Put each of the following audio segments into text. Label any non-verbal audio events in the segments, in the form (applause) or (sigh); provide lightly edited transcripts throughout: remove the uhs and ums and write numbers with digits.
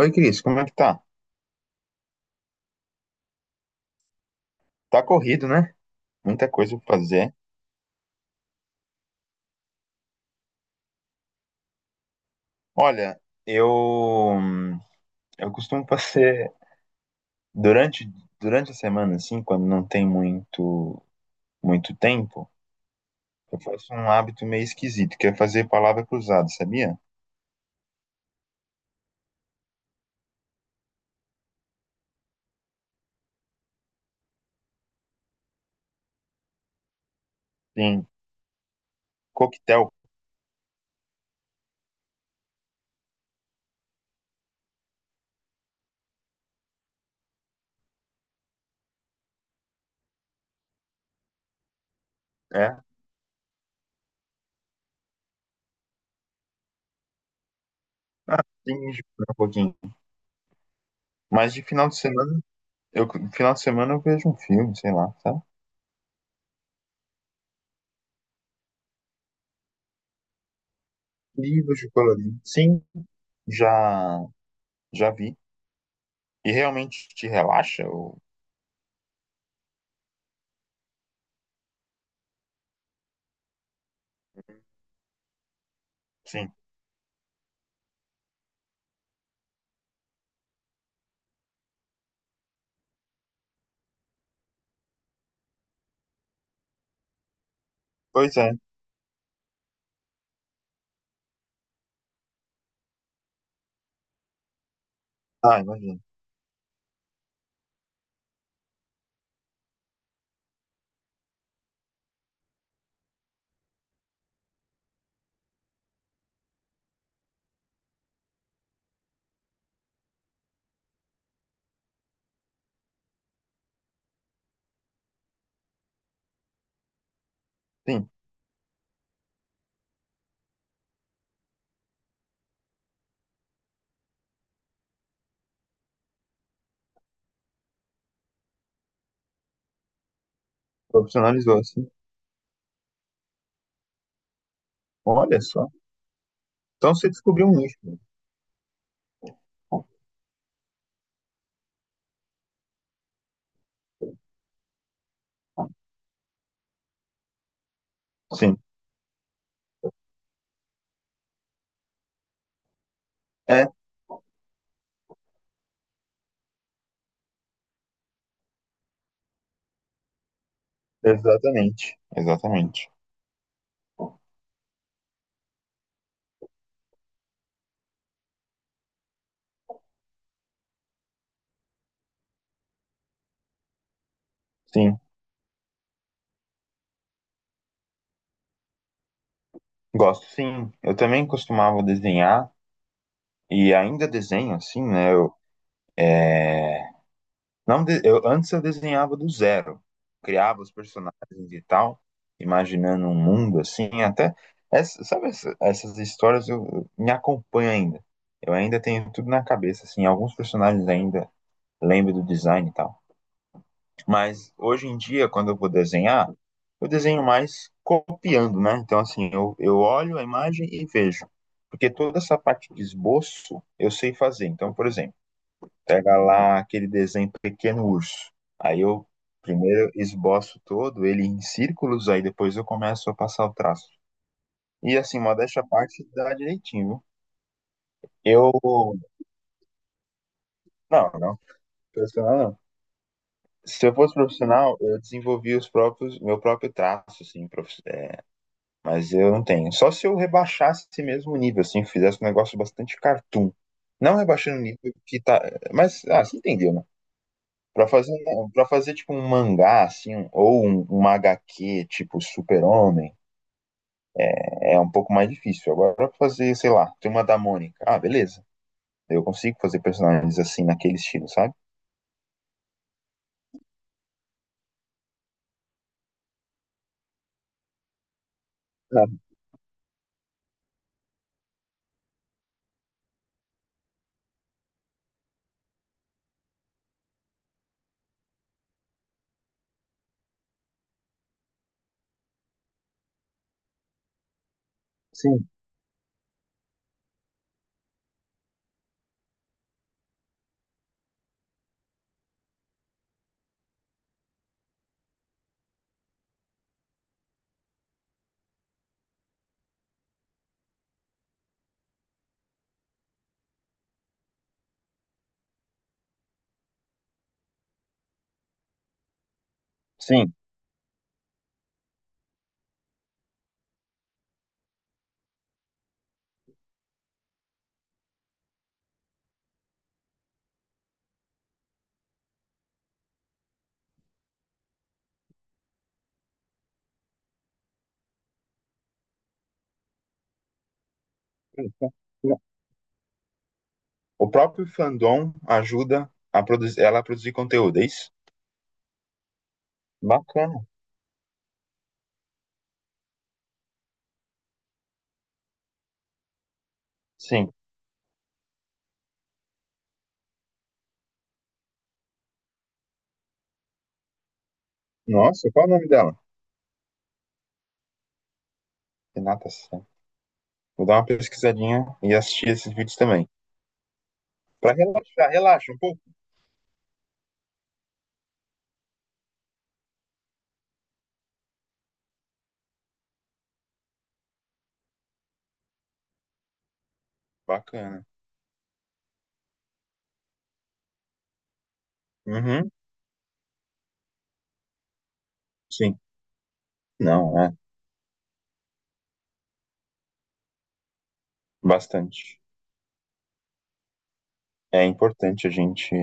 Oi, Cris, como é que tá? Tá corrido, né? Muita coisa pra fazer. Olha, eu eu costumo fazer durante durante a semana assim, quando não tem muito tempo, eu faço um hábito meio esquisito, que é fazer palavra cruzada, sabia? Sim, coquetel, é. Ah, tem que jogar um pouquinho. Mas de final de semana, eu eu vejo um filme, sei lá, sabe? Livros de colorido. Sim, já já vi. E realmente te relaxa ou. Sim. Pois é. Ah, imagino. Sim, profissionalizou assim. Olha só. Então você descobriu um nicho, né? Sim, é, exatamente. Exatamente. Sim, gosto. Sim, eu também costumava desenhar e ainda desenho, assim, né? Eu, é, não de- eu, antes eu desenhava do zero. Criava os personagens e tal, imaginando um mundo assim, até. Essas histórias me acompanham ainda. Eu ainda tenho tudo na cabeça, assim, alguns personagens ainda lembro do design e tal. Mas hoje em dia, quando eu vou desenhar, eu desenho mais copiando, né? Então, assim, eu olho a imagem e vejo. Porque toda essa parte de esboço eu sei fazer. Então, por exemplo, pega lá aquele desenho Pequeno Urso. Aí eu primeiro esboço todo ele em círculos, aí depois eu começo a passar o traço. E assim, modéstia à parte, dá direitinho, viu? Eu. Não, não, profissional não. Se eu fosse profissional, eu desenvolvi os próprios, meu próprio traço, assim. Mas eu não tenho. Só se eu rebaixasse esse mesmo o nível, assim, fizesse um negócio bastante cartoon. Não rebaixando o nível que tá. Mas, ah, você entendeu, né? Pra fazer tipo um mangá, assim, uma HQ, tipo Super-Homem, é um pouco mais difícil. Agora, pra fazer, sei lá, Turma da Mônica. Ah, beleza. Eu consigo fazer personagens assim, naquele estilo, sabe? Ah, sim, sim. O próprio fandom ajuda a produzir, ela a produzir conteúdo, é isso? Bacana. Sim. Nossa, qual é o nome dela? De natação. Vou dar uma pesquisadinha e assistir esses vídeos também. Pra relaxar, relaxa um pouco. Bacana. Uhum, sim. Não, é. Bastante. É importante a gente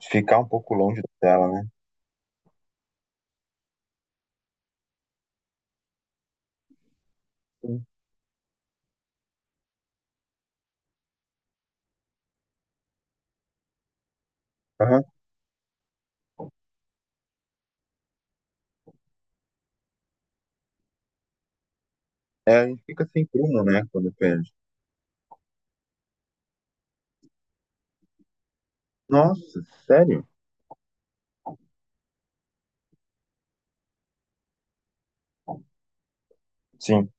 ficar um pouco longe da tela, né? Sim. Aham. É, a gente fica sem prumo, né? Quando perde. Nossa, sério? Sim,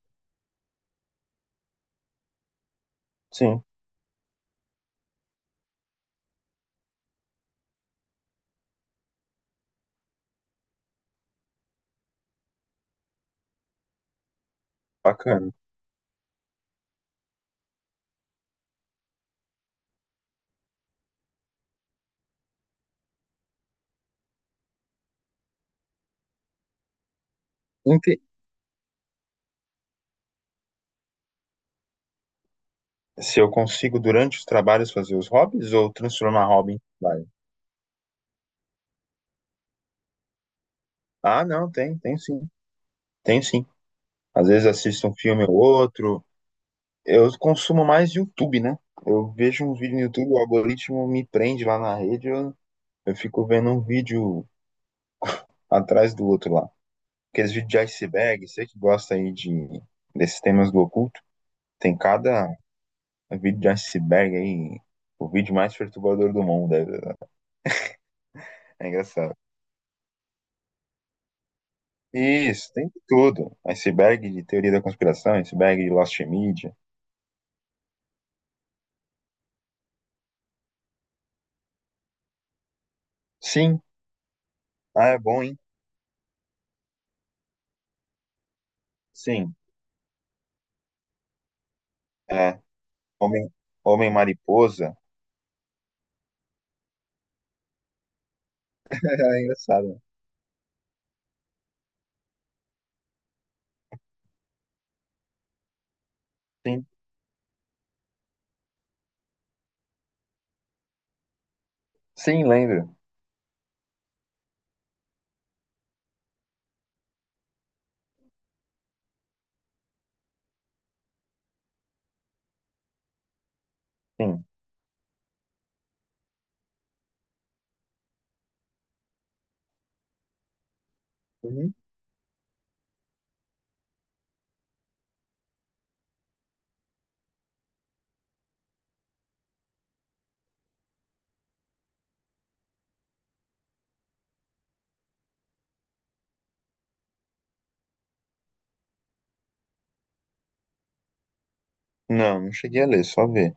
sim. Bacana. Inte- Se eu consigo, durante os trabalhos, fazer os hobbies ou transformar hobby em trabalho? Ah, não, tem, tem sim. Tem sim. Às vezes assisto um filme ou outro. Eu consumo mais YouTube, né? Eu vejo um vídeo no YouTube, o algoritmo me prende lá na rede, eu fico vendo um vídeo atrás do outro lá. Aqueles vídeos de iceberg, você que gosta aí de, desses temas do oculto, tem cada vídeo de iceberg aí, o vídeo mais perturbador do mundo, é engraçado. Isso, tem de tudo. Iceberg de teoria da conspiração, iceberg de Lost Media. Sim, ah, é bom, hein? Sim, é. Homem, homem mariposa. (laughs) É engraçado, né? Sim. Sim, lembro. Sim. Uhum. Não, não cheguei a ler, só ver.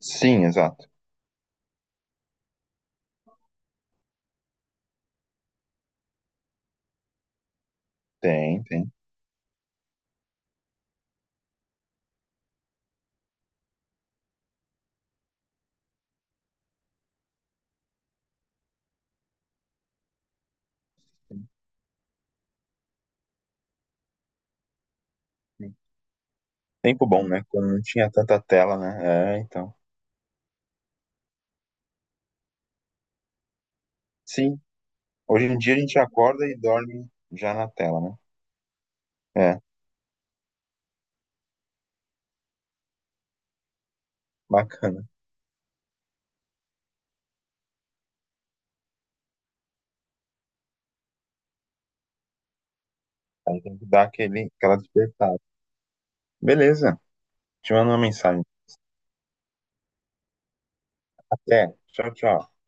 Sim, exato. Tem, tem. Tem, tem. Tempo bom, né? Quando não tinha tanta tela, né? É, então. Sim, hoje em dia a gente acorda e dorme já na tela, né? É, bacana. Tem que dar aquele, aquela despertada. Beleza, te mando uma mensagem. Até. Tchau, tchau.